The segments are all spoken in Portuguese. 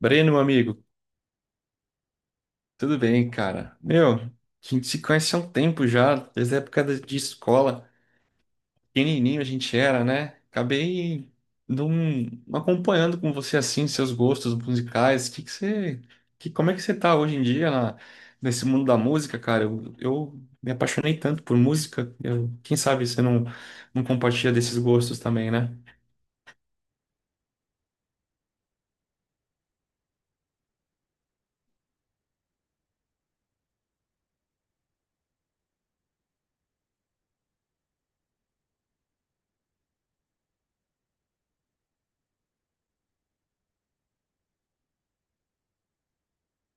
Breno, meu amigo, tudo bem, cara? Meu, a gente se conhece há um tempo já, desde a de escola. Pequenininho a gente era, né? Acabei não acompanhando com você assim, seus gostos musicais. Como é que você tá hoje em nesse mundo da música, cara? Eu me apaixonei tanto por música. Quem sabe você não compartilha desses gostos também, né?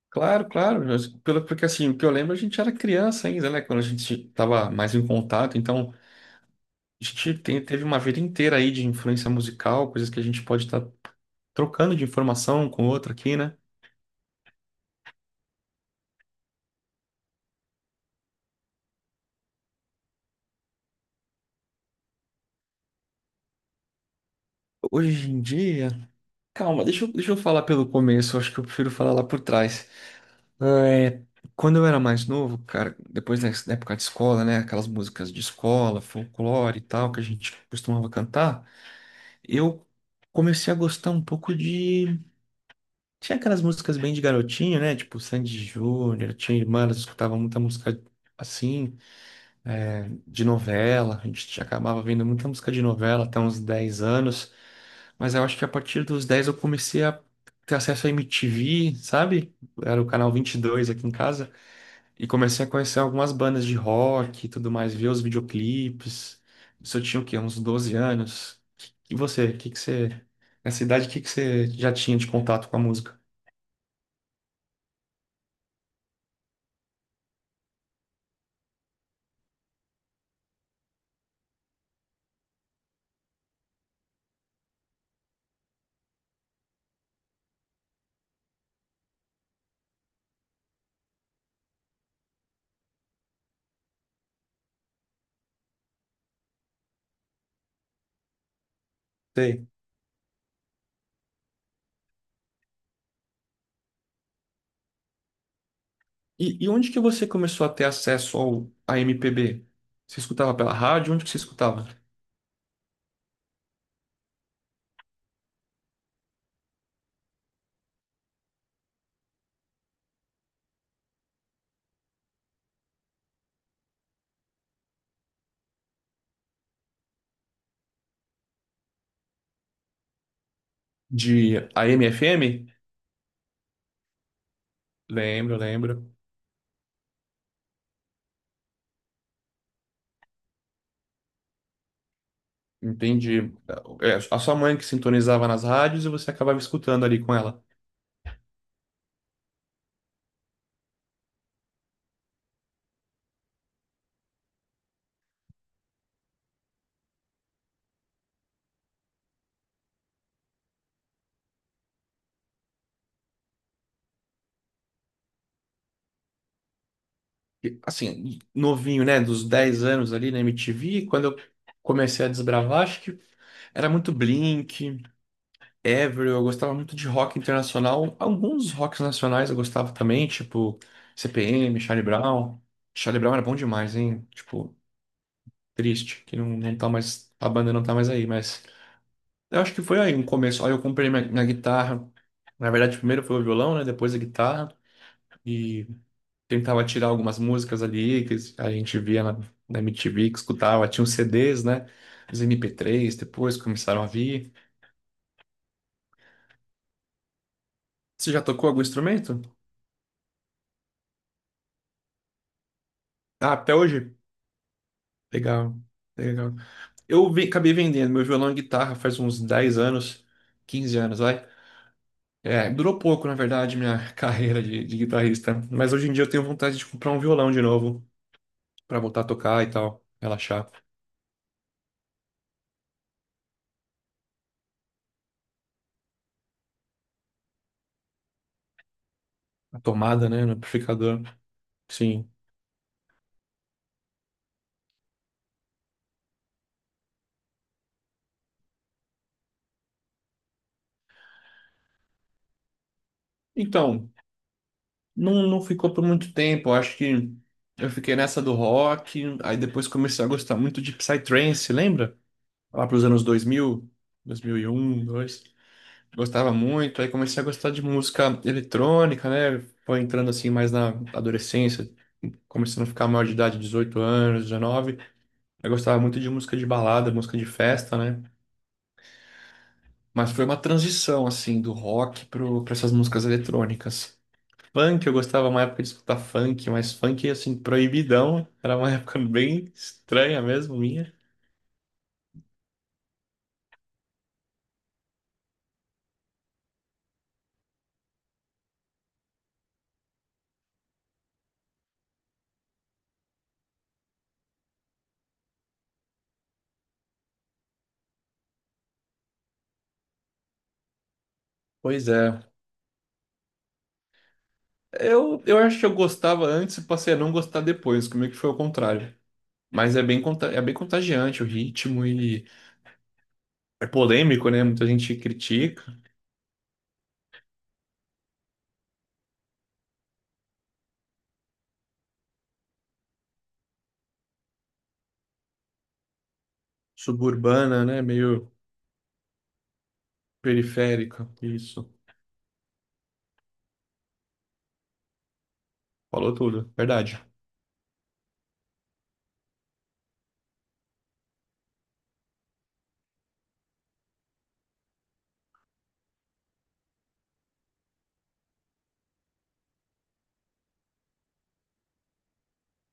Claro, claro, porque assim, o que eu lembro, a gente era criança ainda, né? Quando a gente tava mais em contato, então a teve uma vida inteira aí de influência musical, coisas que a gente pode estar trocando de informação com outra aqui, né? Hoje em dia. Calma, deixa eu falar pelo começo, acho que eu prefiro falar lá por trás. É, quando eu era mais novo, cara, depois da época de escola, né? Aquelas músicas de escola, folclore e tal, que a gente costumava cantar, eu comecei a gostar um pouco de. Tinha aquelas músicas bem de garotinho, né? Tipo Sandy Júnior, tinha irmã, elas escutavam muita música assim, de novela. A gente acabava vendo muita música de novela até uns 10 anos, mas eu acho que a partir dos 10 eu comecei a ter acesso à MTV, sabe? Era o canal 22 aqui em casa, e comecei a conhecer algumas bandas de rock e tudo mais, ver os videoclipes. Isso eu tinha o quê? Uns 12 anos. E você, o que que você, nessa idade, o que que você já tinha de contato com a música? Sei. E onde que você começou a ter à MPB? Você escutava pela rádio? Onde que você escutava? De AM/FM? Lembro, lembro. Entendi. É, a sua mãe que sintonizava nas rádios e você acabava escutando ali com ela. E, assim, novinho, né? Dos 10 anos ali na MTV, quando eu comecei a desbravar, acho que era muito Blink, Avril. Eu gostava muito de rock internacional. Alguns rocks nacionais eu gostava também, tipo CPM, Charlie Brown. Charlie Brown era bom demais, hein? Tipo, triste que não tá mais, a banda não tá mais aí, mas. Eu acho que foi aí um começo. Aí eu comprei minha guitarra. Na verdade, primeiro foi o violão, né? Depois a guitarra. E tentava tirar algumas músicas ali que a gente via na MTV, que escutava. Tinha os CDs, né? Os MP3, depois começaram a vir. Você já tocou algum instrumento? Ah, até hoje? Legal, legal. Acabei vendendo meu violão e guitarra faz uns 10 anos, 15 anos, vai. É, durou pouco, na verdade, minha carreira de guitarrista. Mas hoje em dia eu tenho vontade de comprar um violão de novo. Pra voltar a tocar e tal, relaxar. A tomada, né, no amplificador. Sim. Então, não ficou por muito tempo. Eu acho que eu fiquei nessa do rock, aí depois comecei a gostar muito de Psytrance, lembra? Lá pros anos 2000, 2001, 2. Gostava muito, aí comecei a gostar de música eletrônica, né? Foi entrando assim mais na adolescência, começando a ficar maior de idade, 18 anos, 19. Eu gostava muito de música de balada, música de festa, né? Mas foi uma transição, assim, do rock para essas músicas eletrônicas. Funk, eu gostava uma época de escutar funk, mas funk, assim, proibidão. Era uma época bem estranha mesmo, minha. Pois é. Eu acho que eu gostava antes e passei a não gostar depois, comigo que foi o contrário. Mas é é bem contagiante o ritmo e é polêmico, né? Muita gente critica. Suburbana, né? Meio periférica. Isso. Falou tudo. Verdade.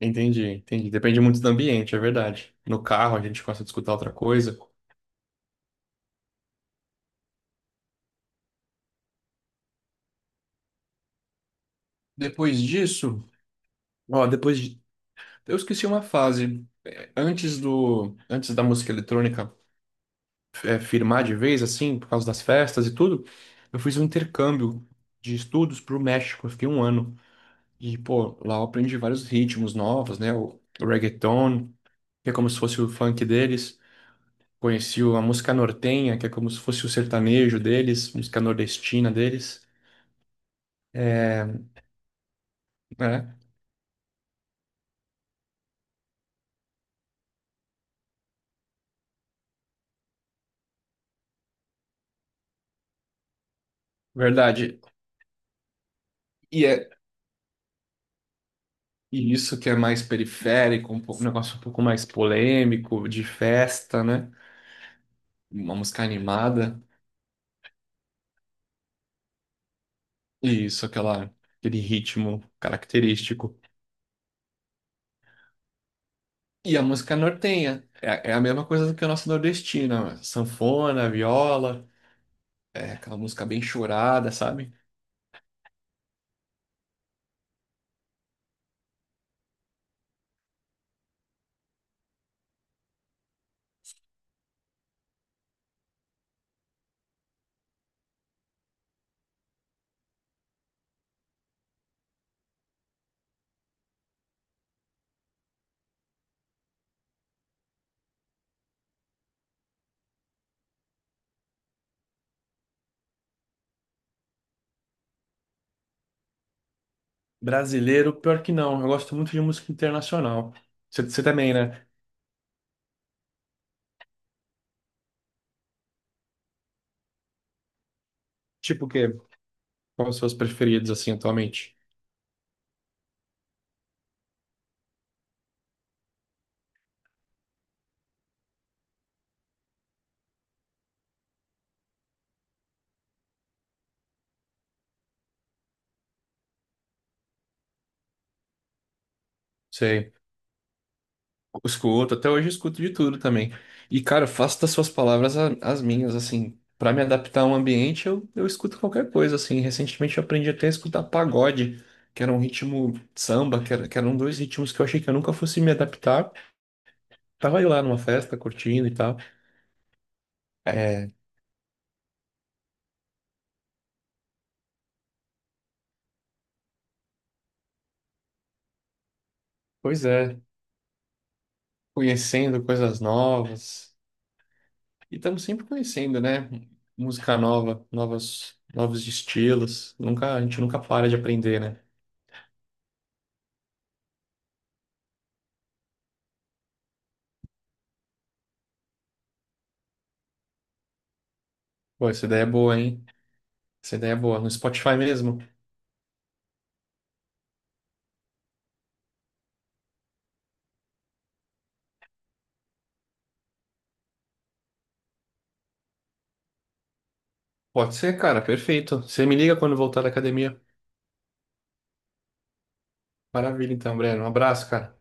Entendi, entendi. Depende muito do ambiente, é verdade. No carro a gente gosta de escutar outra coisa. Depois disso, ó, depois de, eu esqueci uma fase. É, antes antes da música eletrônica é, firmar de vez, assim, por causa das festas e tudo, eu fiz um intercâmbio de estudos pro México. Eu fiquei um ano e pô, lá eu aprendi vários ritmos novos, né? O reggaeton, que é como se fosse o funk deles. Conheci a música nortenha, que é como se fosse o sertanejo deles, música nordestina deles. É, é, verdade. E é e isso que é mais periférico, um negócio um pouco mais polêmico, de festa, né? Uma música animada. E isso, aquele ritmo característico. E a música nortenha. É, é a mesma coisa do que a nossa nordestina, né? Sanfona, viola, é aquela música bem chorada, sabe? Brasileiro, pior que não. Eu gosto muito de música internacional. Você também, né? Tipo o quê? Quais os seus preferidos, assim, atualmente? Sei. Escuto, até hoje eu escuto de tudo também. E, cara, eu faço das suas palavras as minhas, assim. Pra me adaptar a um ambiente, eu escuto qualquer coisa, assim. Recentemente eu aprendi até a escutar pagode, que era um ritmo samba, que eram dois ritmos que eu achei que eu nunca fosse me adaptar. Tava eu lá numa festa, curtindo e tal. É, pois é, conhecendo coisas novas. E estamos sempre conhecendo, né? Música nova, novos estilos. Nunca, a gente nunca para de aprender, né? Pô, essa ideia é boa, hein? Essa ideia é boa. No Spotify mesmo. Pode ser, cara, perfeito. Você me liga quando voltar da academia. Maravilha, então, Breno. Um abraço, cara.